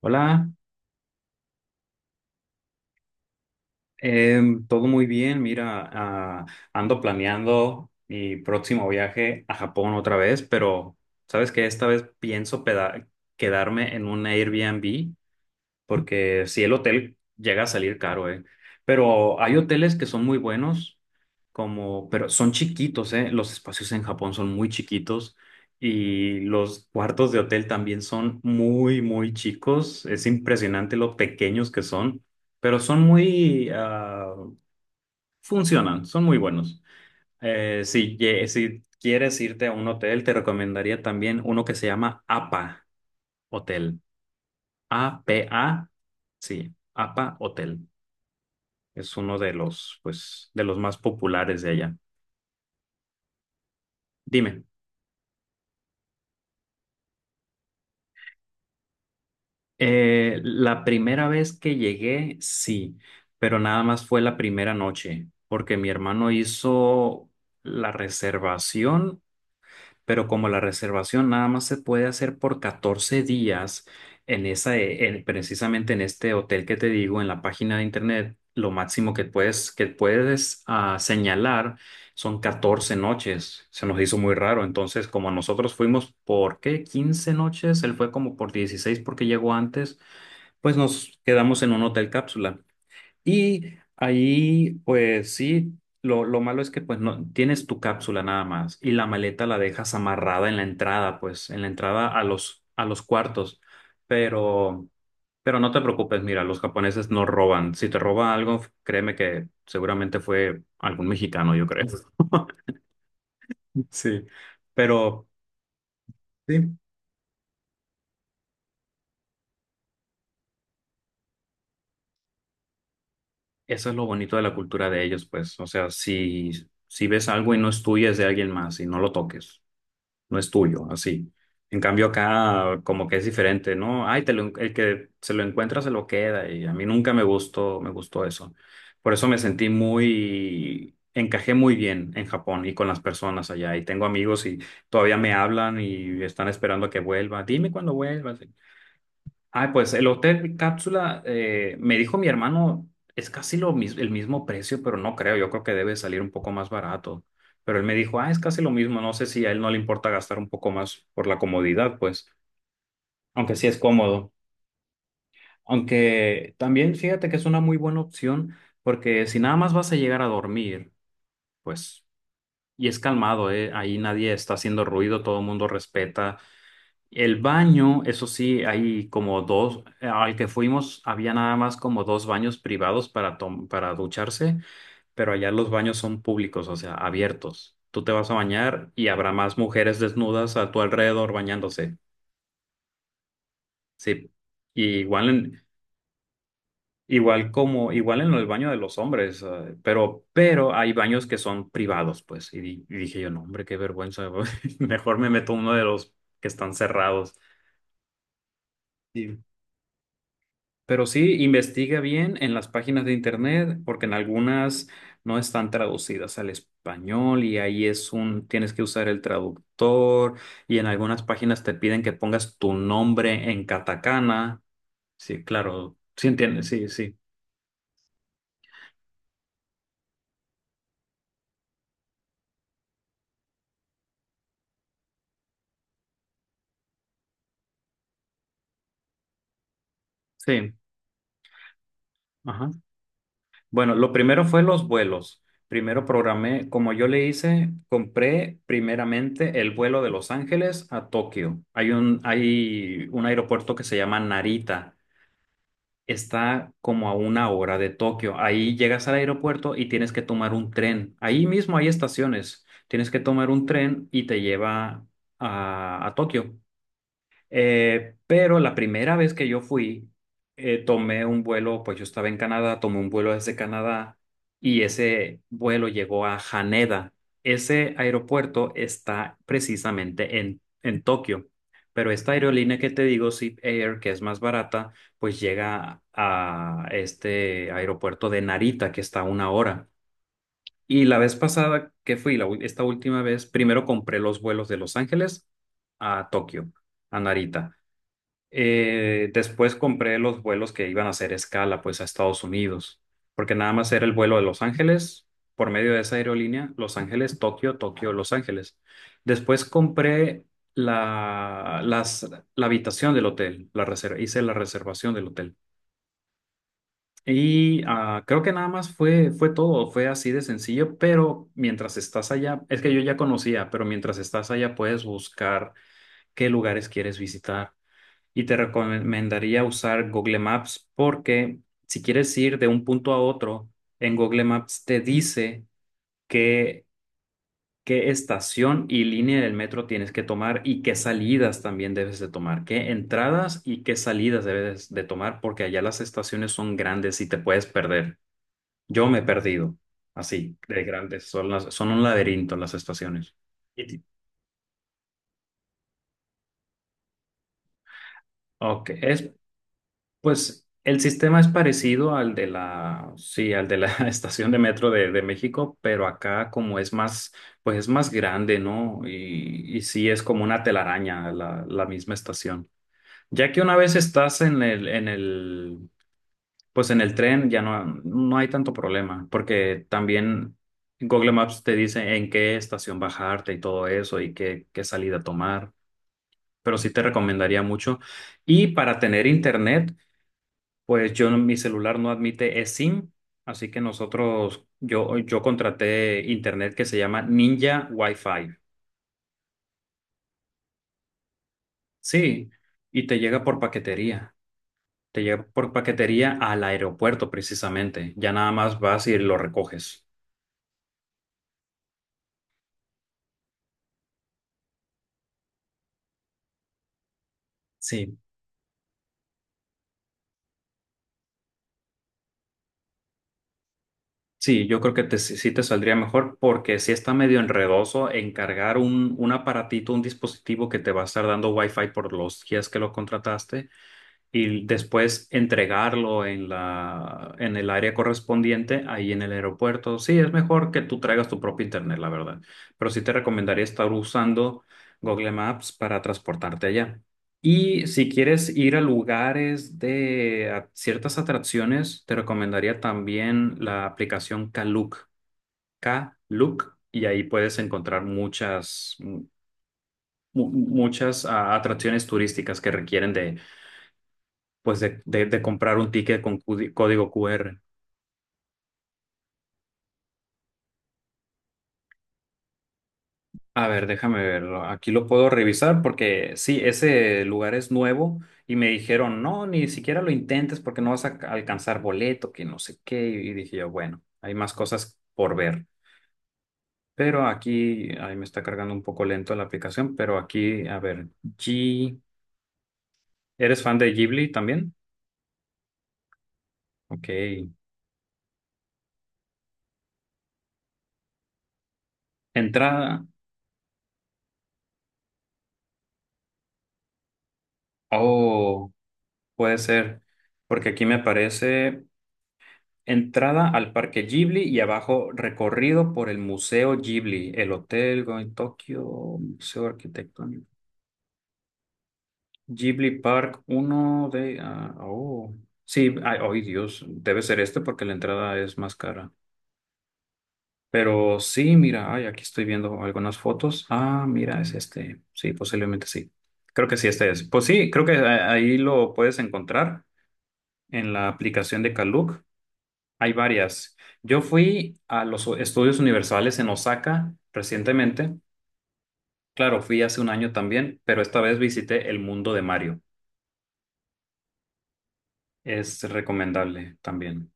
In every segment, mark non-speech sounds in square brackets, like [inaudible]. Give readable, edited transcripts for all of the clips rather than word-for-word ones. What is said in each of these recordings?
Hola, todo muy bien. Mira, ando planeando mi próximo viaje a Japón otra vez, pero sabes que esta vez pienso quedarme en un Airbnb porque si el hotel llega a salir caro, ¿eh? Pero hay hoteles que son muy buenos, como, pero son chiquitos, ¿eh? Los espacios en Japón son muy chiquitos y los cuartos de hotel también son muy, muy chicos. Es impresionante lo pequeños que son, pero son funcionan, son muy buenos. Si quieres irte a un hotel, te recomendaría también uno que se llama APA Hotel. APA. Sí, APA Hotel. Es uno de los, pues, de los más populares de allá. Dime, la primera vez que llegué, sí, pero nada más fue la primera noche, porque mi hermano hizo la reservación, pero como la reservación nada más se puede hacer por 14 días en esa, precisamente en este hotel que te digo, en la página de internet, lo máximo que que puedes señalar son 14 noches. Se nos hizo muy raro. Entonces, como nosotros fuimos por qué 15 noches, él fue como por 16 porque llegó antes, pues nos quedamos en un hotel cápsula. Y ahí, pues sí, lo malo es que pues no tienes tu cápsula nada más y la maleta la dejas amarrada en la entrada, pues en la entrada a los cuartos. Pero pero no te preocupes, mira, los japoneses no roban. Si te roba algo, créeme que seguramente fue algún mexicano, yo creo. [laughs] Sí. Pero sí. Eso es lo bonito de la cultura de ellos, pues, o sea, si si ves algo y no es tuyo, es de alguien más y no lo toques. No es tuyo, así. En cambio acá como que es diferente, ¿no? Ay, te lo el que se lo encuentra se lo queda y a mí nunca me gustó eso. Por eso me sentí encajé muy bien en Japón y con las personas allá y tengo amigos y todavía me hablan y están esperando a que vuelva. Dime cuándo vuelvas. Ah, pues el hotel cápsula, me dijo mi hermano, es casi el mismo precio, pero no creo, yo creo que debe salir un poco más barato. Pero él me dijo, es casi lo mismo, no sé si a él no le importa gastar un poco más por la comodidad, pues, aunque sí es cómodo. Aunque también fíjate que es una muy buena opción, porque si nada más vas a llegar a dormir, pues, y es calmado, ahí nadie está haciendo ruido, todo el mundo respeta. El baño, eso sí, hay como dos, al que fuimos había nada más como dos baños privados para ducharse, pero allá los baños son públicos, o sea, abiertos. Tú te vas a bañar y habrá más mujeres desnudas a tu alrededor bañándose. Sí, y igual en el baño de los hombres, pero hay baños que son privados, pues. Y dije yo, no, hombre, qué vergüenza, [laughs] mejor me meto a uno de los que están cerrados. Pero sí, investiga bien en las páginas de internet, porque en algunas no están traducidas al español y ahí es un, tienes que usar el traductor y en algunas páginas te piden que pongas tu nombre en katakana. Sí, claro, sí entiendes, sí, sí, sí. Ajá. Bueno, lo primero fue los vuelos. Primero programé, como yo le hice, compré primeramente el vuelo de Los Ángeles a Tokio. Hay un aeropuerto que se llama Narita. Está como a una hora de Tokio. Ahí llegas al aeropuerto y tienes que tomar un tren. Ahí mismo hay estaciones. Tienes que tomar un tren y te lleva a Tokio. Pero la primera vez que yo fui, tomé un vuelo, pues yo estaba en Canadá, tomé un vuelo desde Canadá y ese vuelo llegó a Haneda. Ese aeropuerto está precisamente en Tokio, pero esta aerolínea que te digo, Zip Air, que es más barata, pues llega a este aeropuerto de Narita, que está a una hora. Y la vez pasada que fui, esta última vez, primero compré los vuelos de Los Ángeles a Tokio, a Narita. Después compré los vuelos que iban a hacer escala, pues, a Estados Unidos, porque nada más era el vuelo de Los Ángeles, por medio de esa aerolínea, Los Ángeles, Tokio, Tokio, Los Ángeles. Después compré la, las, la habitación del hotel, la reserva, hice la reservación del hotel. Creo que nada más fue todo, fue así de sencillo, pero mientras estás allá, es que yo ya conocía, pero mientras estás allá puedes buscar qué lugares quieres visitar. Y te recomendaría usar Google Maps porque si quieres ir de un punto a otro, en Google Maps te dice qué, qué estación y línea del metro tienes que tomar y qué salidas también debes de tomar, qué entradas y qué salidas debes de tomar porque allá las estaciones son grandes y te puedes perder. Yo me he perdido así, de grandes, son un laberinto las estaciones. Y ti- Ok, es pues el sistema es parecido al de la [laughs] estación de metro de México, pero acá como es más, pues es más grande, ¿no? Y sí es como una telaraña la, la misma estación. Ya que una vez estás pues en el tren, ya no, no hay tanto problema, porque también Google Maps te dice en qué estación bajarte y todo eso y qué salida tomar, pero sí te recomendaría mucho. Y para tener internet. Pues yo, no, mi celular no admite eSIM, así que nosotros, yo contraté internet que se llama Ninja Wi-Fi. Sí, y te llega por paquetería. Te llega por paquetería al aeropuerto precisamente. Ya nada más vas y lo recoges. Sí. Sí, yo creo que te, sí te saldría mejor porque sí está medio enredoso encargar un aparatito, un dispositivo que te va a estar dando Wi-Fi por los días que lo contrataste, y después entregarlo en la, en el área correspondiente, ahí en el aeropuerto. Sí, es mejor que tú traigas tu propio internet, la verdad. Pero sí te recomendaría estar usando Google Maps para transportarte allá. Y si quieres ir a lugares de a ciertas atracciones, te recomendaría también la aplicación Klook, Klook, y ahí puedes encontrar muchas atracciones turísticas que requieren de de comprar un ticket con código QR. A ver, déjame verlo. Aquí lo puedo revisar porque sí, ese lugar es nuevo y me dijeron, no, ni siquiera lo intentes porque no vas a alcanzar boleto, que no sé qué. Y dije yo, bueno, hay más cosas por ver. Pero aquí, ahí me está cargando un poco lento la aplicación, pero aquí, a ver, G, ¿eres fan de Ghibli también? Ok. Entrada. Oh, puede ser. Porque aquí me aparece. Entrada al Parque Ghibli y abajo recorrido por el Museo Ghibli, el Hotel Going Tokyo, Museo Arquitectónico. Ghibli Park, uno de... ah, oh, sí, ay, ay, Dios, debe ser este porque la entrada es más cara. Pero sí, mira, ay, aquí estoy viendo algunas fotos. Ah, mira, es este. Sí, posiblemente sí. Creo que sí, este es. Pues sí, creo que ahí lo puedes encontrar en la aplicación de Kaluk. Hay varias. Yo fui a los estudios universales en Osaka recientemente. Claro, fui hace un año también, pero esta vez visité el mundo de Mario. Es recomendable también.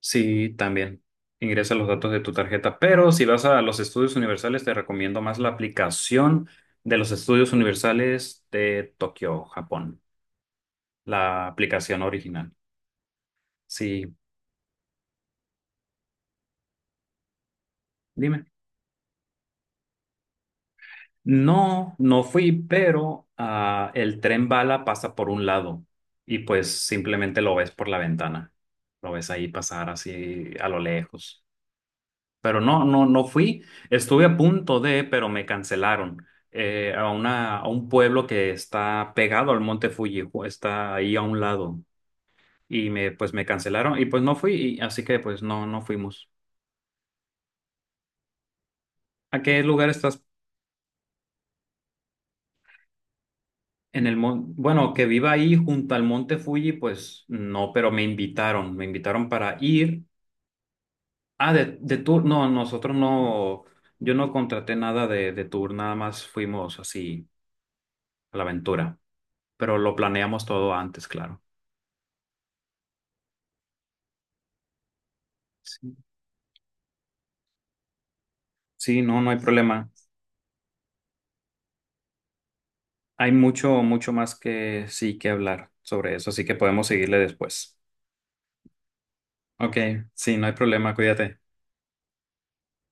Sí, también. Ingresa los datos de tu tarjeta, pero si vas a los estudios universales, te recomiendo más la aplicación de los estudios universales de Tokio, Japón. La aplicación original. Sí, dime. No, no fui, pero ah, el tren bala pasa por un lado y pues simplemente lo ves por la ventana. Lo ves ahí pasar así a lo lejos. Pero no, no, no fui. Estuve a punto de, pero me cancelaron a un pueblo que está pegado al Monte Fuji, está ahí a un lado. Y me, pues me cancelaron y pues no fui, así que pues no, no fuimos. ¿A qué lugar estás? Bueno, que viva ahí junto al monte Fuji, pues no, pero me invitaron para ir. Ah, de tour, no, nosotros no, yo no contraté nada de tour, nada más fuimos así a la aventura, pero lo planeamos todo antes, claro. Sí, sí, no, no hay problema. Hay mucho, mucho más que sí que hablar sobre eso, así que podemos seguirle después. Ok, sí, no hay problema, cuídate.